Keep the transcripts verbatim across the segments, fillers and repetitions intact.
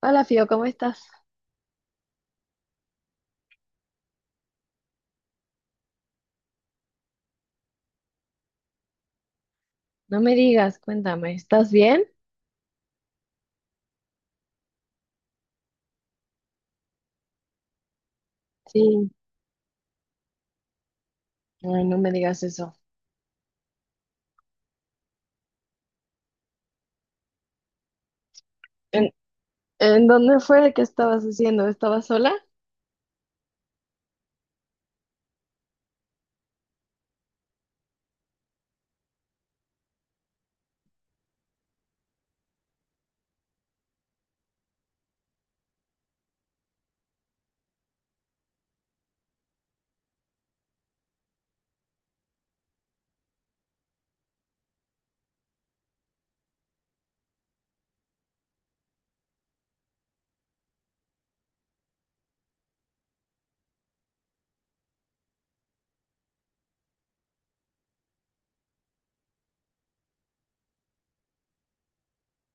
Hola, Fío, ¿cómo estás? No me digas, cuéntame, ¿estás bien? Sí. Ay, no me digas eso. ¿En, en dónde fue que estabas haciendo? ¿Estabas sola?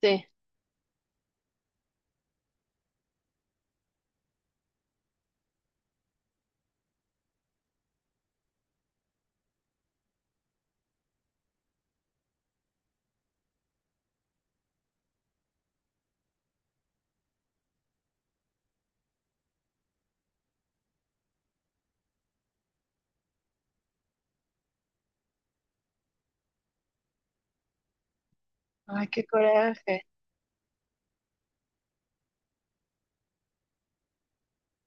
Sí. Ay, qué coraje.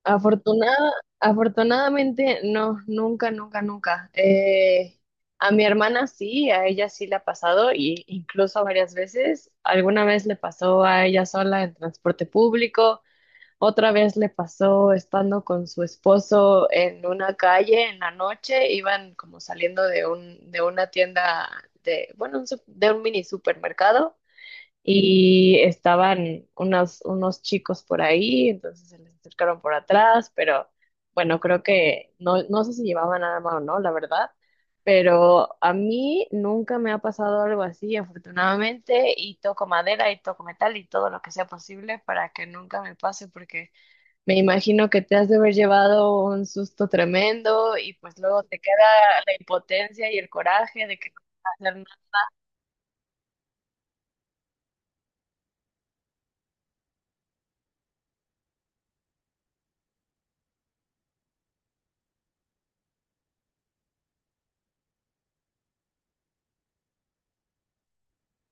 Afortunada, Afortunadamente, no, nunca, nunca, nunca. Eh, a mi hermana sí, a ella sí le ha pasado, y incluso varias veces. Alguna vez le pasó a ella sola en transporte público. Otra vez le pasó estando con su esposo en una calle en la noche, iban como saliendo de un, de una tienda de, bueno, un sup- de un mini supermercado y estaban unos, unos chicos por ahí, entonces se les acercaron por atrás, pero bueno, creo que no, no sé si llevaban arma o no, la verdad, pero a mí nunca me ha pasado algo así, afortunadamente, y toco madera y toco metal y todo lo que sea posible para que nunca me pase porque me imagino que te has de haber llevado un susto tremendo y pues luego te queda la impotencia y el coraje de que no puedes hacer nada.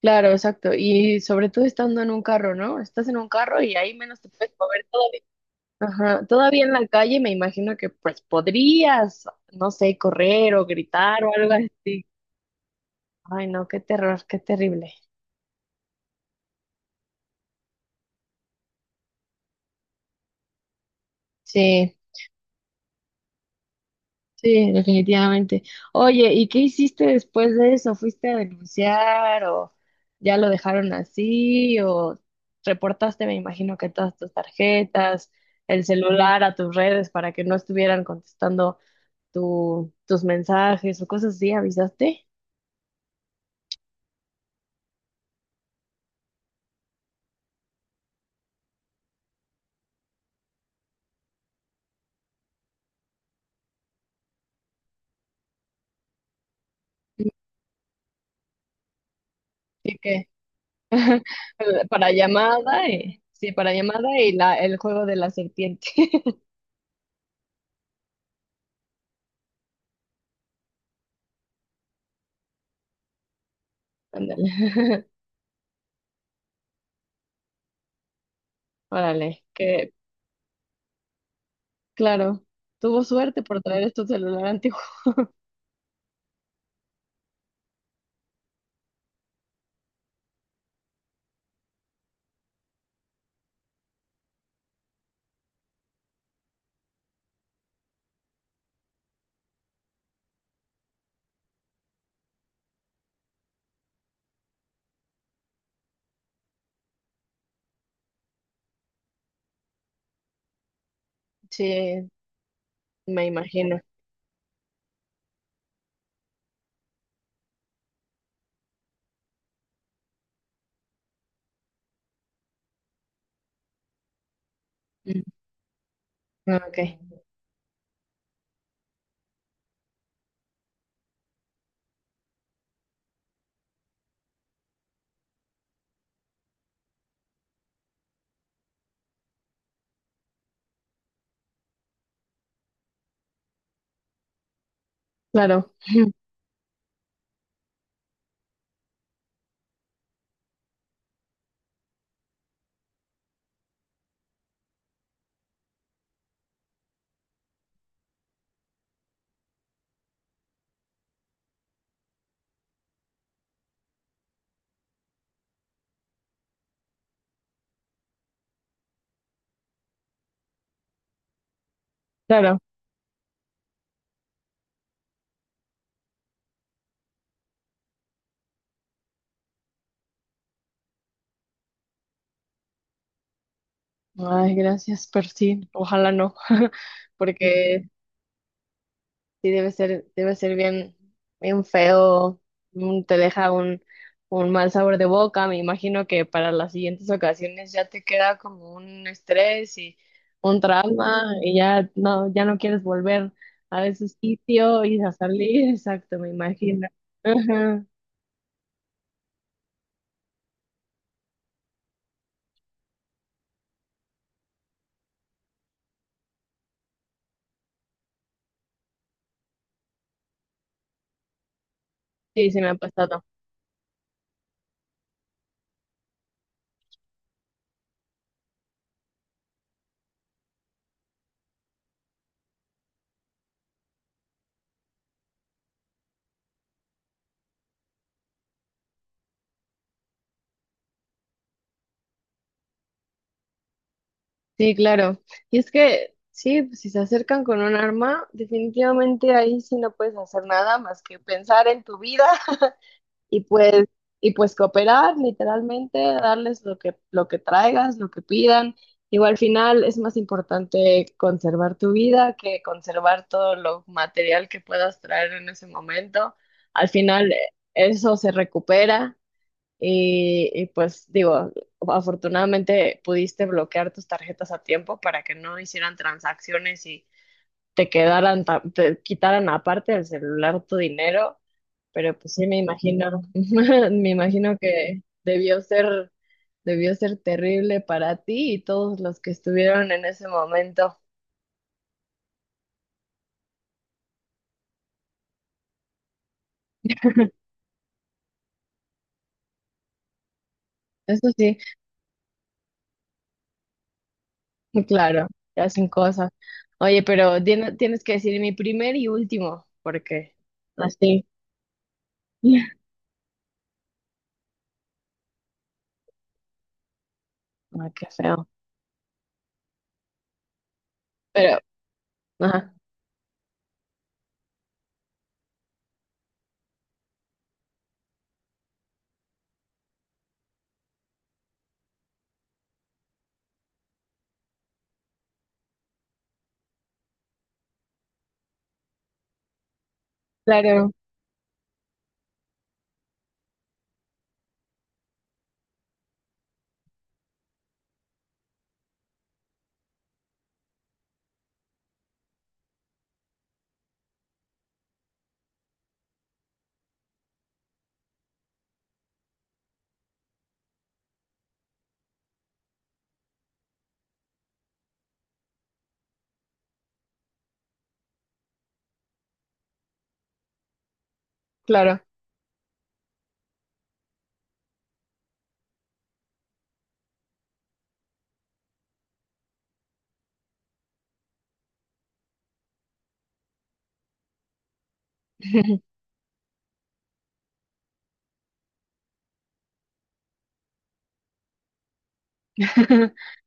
Claro, exacto. Y sobre todo estando en un carro, ¿no? Estás en un carro y ahí menos te puedes mover todavía. Ajá. Todavía en la calle me imagino que pues podrías, no sé, correr o gritar o algo así. Ay, no, qué terror, qué terrible. Sí. Sí, definitivamente. Oye, ¿y qué hiciste después de eso? ¿Fuiste a denunciar o ya lo dejaron así o reportaste, me imagino que todas tus tarjetas, el celular a tus redes para que no estuvieran contestando tu, tus mensajes o cosas así? ¿Avisaste? Sí, que eh, para llamada y sí, para llamada y la, el juego de la serpiente. Ándale. Órale, que claro, tuvo suerte por traer este celular antiguo. Sí, me imagino. Mm, ah, Ok, claro, claro. Ay, gracias, pero sí, ojalá no, porque sí debe ser, debe ser bien, bien feo, mm, te deja un, un mal sabor de boca. Me imagino que para las siguientes ocasiones ya te queda como un estrés y un trauma y ya no, ya no quieres volver a ese sitio y a salir. Exacto, me imagino. Ajá. Sí, se me ha pasado. Sí, claro. Y es que, sí, pues, si se acercan con un arma, definitivamente ahí sí no puedes hacer nada más que pensar en tu vida y pues, y pues cooperar, literalmente, darles lo que, lo que traigas, lo que pidan. Digo, al final es más importante conservar tu vida que conservar todo lo material que puedas traer en ese momento. Al final eh, eso se recupera. Y, y pues digo, afortunadamente pudiste bloquear tus tarjetas a tiempo para que no hicieran transacciones y te quedaran, ta- te quitaran aparte del celular tu dinero, pero pues sí me imagino, me imagino que debió ser, debió ser terrible para ti y todos los que estuvieron en ese momento. Eso sí, muy claro, te hacen cosas. Oye, pero tiene- tienes que decir mi primer y último, porque así. Ay, qué feo. Pero, ajá, claro, claro.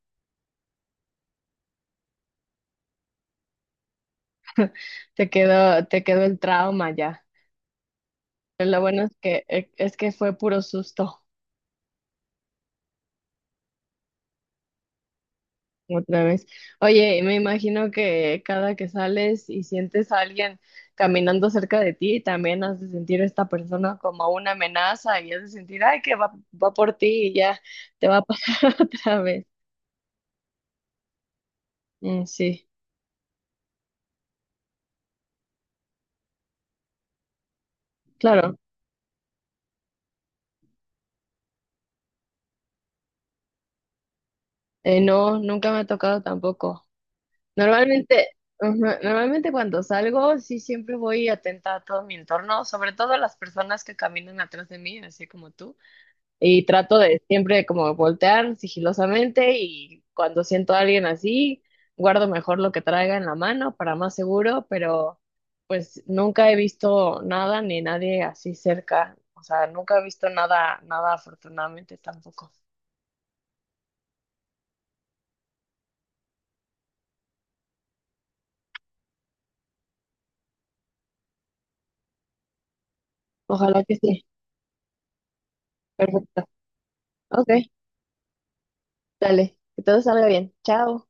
Te quedó, te quedó el trauma ya. Pero lo bueno es que e, es que fue puro susto otra vez. Oye, y me imagino que cada que sales y sientes a alguien caminando cerca de ti, también has de sentir a esta persona como una amenaza y has de sentir, ay, que va, va por ti y ya te va a pasar otra vez. Mm, sí, claro. Eh, no, nunca me ha tocado tampoco. Normalmente, ujú, normalmente cuando salgo, sí siempre voy atenta a todo mi entorno, sobre todo a las personas que caminan atrás de mí, así como tú. Y trato de siempre como voltear sigilosamente y cuando siento a alguien así, guardo mejor lo que traiga en la mano para más seguro, pero pues nunca he visto nada ni nadie así cerca. O sea, nunca he visto nada, nada afortunadamente tampoco. Ojalá que sí. Perfecto. Ok, dale. Que todo salga bien. Chao.